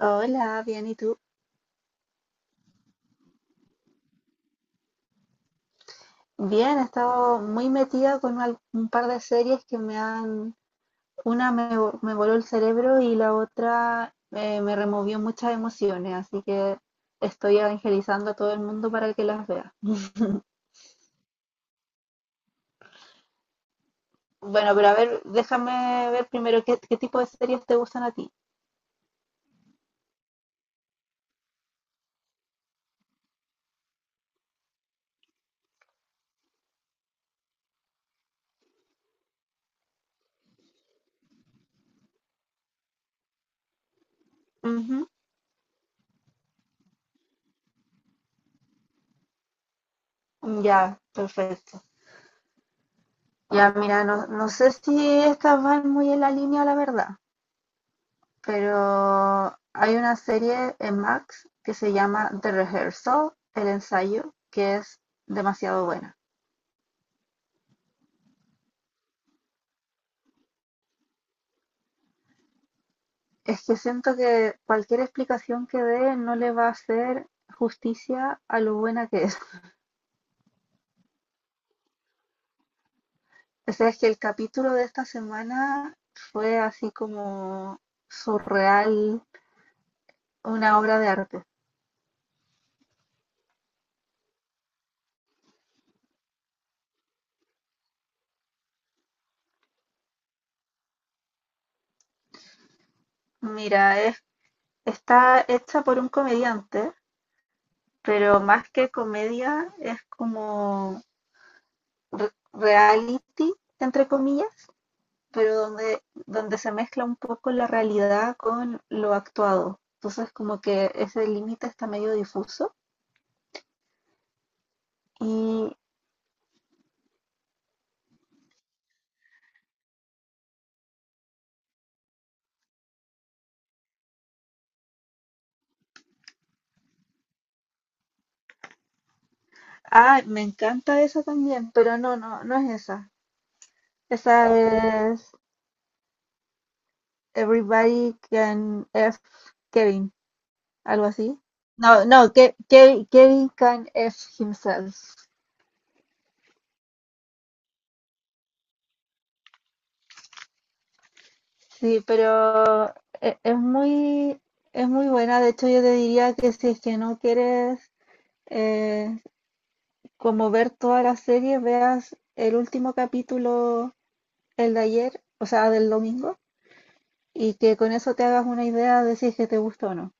Hola, bien, ¿y tú? Bien, he estado muy metida con un par de series que me han... Una me voló el cerebro y la otra me removió muchas emociones, así que estoy evangelizando a todo el mundo para que las vea. Bueno, pero a ver, déjame ver primero qué tipo de series te gustan a ti. Ujú. Ya, perfecto. Ya, mira, no, no sé si estas van muy en la línea, la verdad, pero hay una serie en Max que se llama The Rehearsal, el ensayo, que es demasiado buena. Es que siento que cualquier explicación que dé no le va a hacer justicia a lo buena que es. O sea, es que el capítulo de esta semana fue así como surreal, una obra de arte. Mira, está hecha por un comediante, pero más que comedia es como reality, entre comillas, pero donde se mezcla un poco la realidad con lo actuado. Entonces como que ese límite está medio difuso. Y, ah, me encanta esa también, pero no es esa. Esa es Everybody Can F Kevin, algo así. No, no, Kevin Can F Himself. Sí, pero e- es muy, es muy buena. De hecho, yo te diría que si es que no quieres eh, como ver toda la serie, veas el último capítulo, el de ayer, o sea, del domingo, y que con eso te hagas una idea de si es que te gustó o no.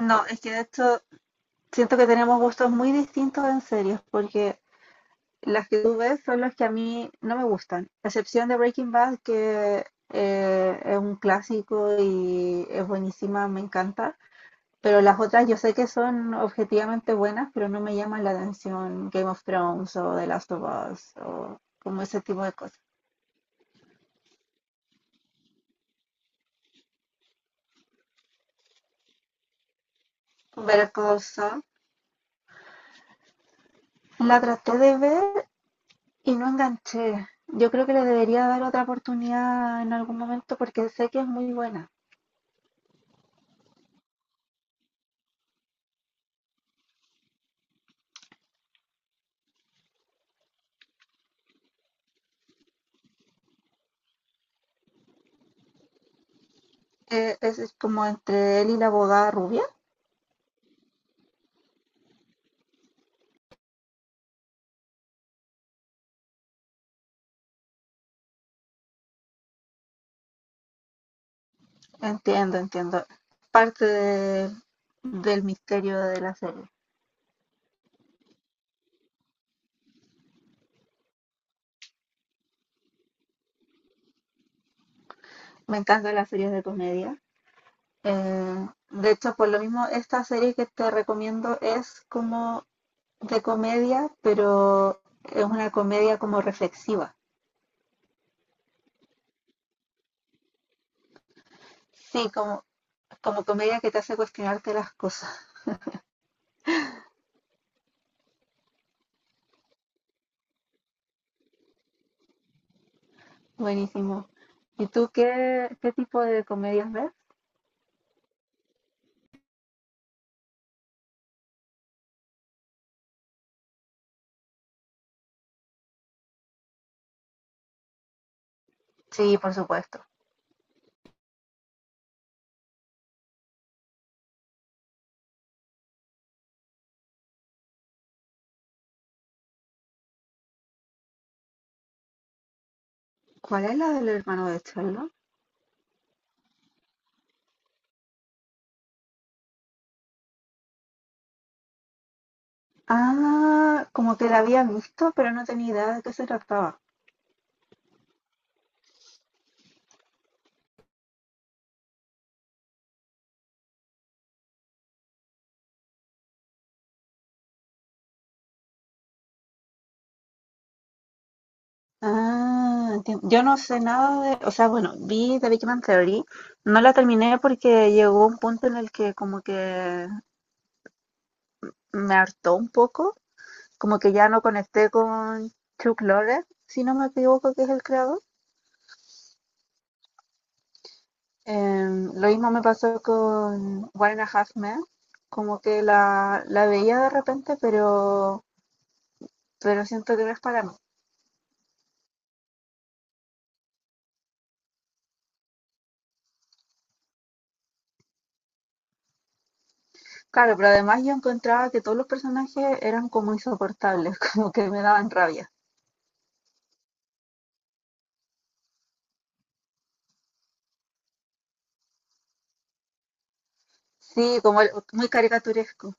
No, es que de hecho siento que tenemos gustos muy distintos en series, porque las que tú ves son las que a mí no me gustan, a excepción de Breaking Bad, que es un clásico y es buenísima, me encanta. Pero las otras yo sé que son objetivamente buenas, pero no me llaman la atención Game of Thrones o The Last of Us o como ese tipo de cosas. Ver cosas. La traté de ver y no enganché. Yo creo que le debería dar otra oportunidad en algún momento porque sé que es muy buena. Es como entre él y la abogada rubia. Entiendo, entiendo. Parte de- del misterio de la serie. Me encantan las series de comedia. De hecho, por lo mismo, esta serie que te recomiendo es como de comedia, pero es una comedia como reflexiva. Sí, como, como comedia que te hace cuestionarte las cosas. Buenísimo. ¿Y tú qué tipo de comedias ves? Sí, por supuesto. ¿Cuál es la del hermano de Charlo? Ah, como que la había visto, pero no tenía idea de qué se trataba. Ah, entiendo. Yo no sé nada de, o sea, bueno, vi The Big Bang Theory, no la terminé porque llegó un punto en el que como que me hartó un poco, como que ya no conecté con Chuck Lorre, si no me equivoco, que es el creador. Em, lo mismo me pasó con One and a Half Men, como que la veía de repente, pero siento que no es para mí. Claro, pero además yo encontraba que todos los personajes eran como insoportables, como que me daban rabia. Sí, como muy caricaturesco.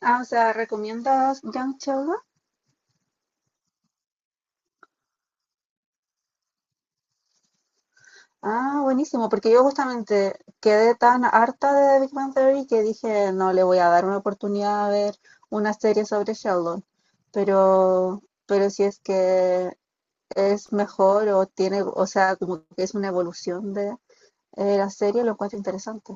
Ah, o sea, ¿recomiendas Young Sheldon? Ah, buenísimo, porque yo justamente quedé tan harta de Big Bang Theory que dije, no, le voy a dar una oportunidad a ver una serie sobre Sheldon. Pero si es que es mejor o tiene, o sea, como que es una evolución de la serie, lo encuentro interesante.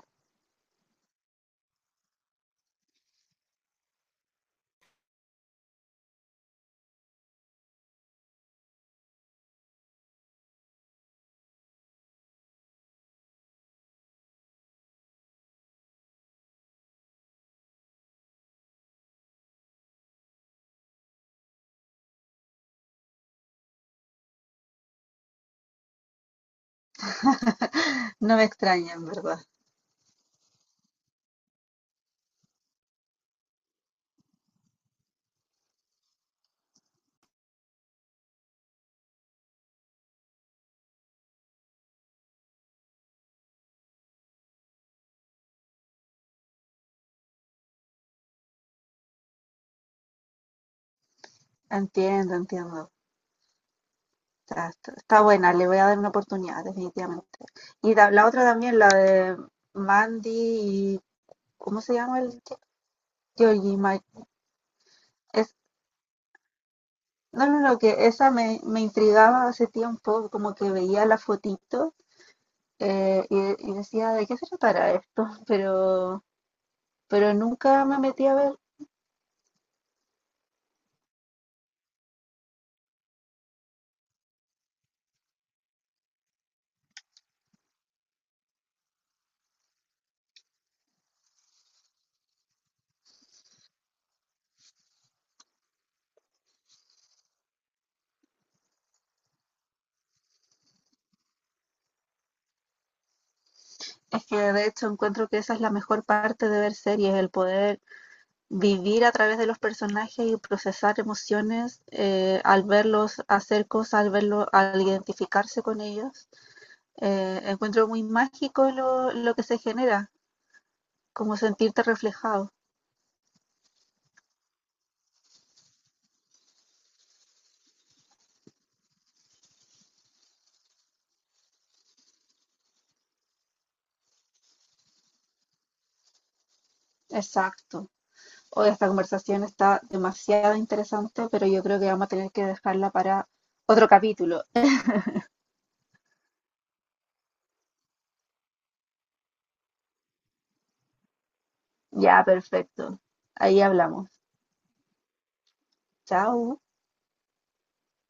No me extraña, en verdad. Entiendo, entiendo. Sea, está, está buena, le voy a dar una oportunidad, definitivamente. Y la otra también, la de Mandy y. ¿Cómo se llama el chico? Georgie Ma- es, no, no, no, que esa me intrigaba hace tiempo, como que veía la fotito y decía, ¿de qué se tratará esto? Pero nunca me metí a ver. Es que de hecho encuentro que esa es la mejor parte de ver series, el poder vivir a través de los personajes y procesar emociones al verlos hacer cosas, al verlo, al identificarse con ellos. Encuentro muy mágico lo que se genera, como sentirte reflejado. Exacto. Hoy esta conversación está demasiado interesante, pero yo creo que vamos a tener que dejarla para otro capítulo. Ya, perfecto. Ahí hablamos. Chao.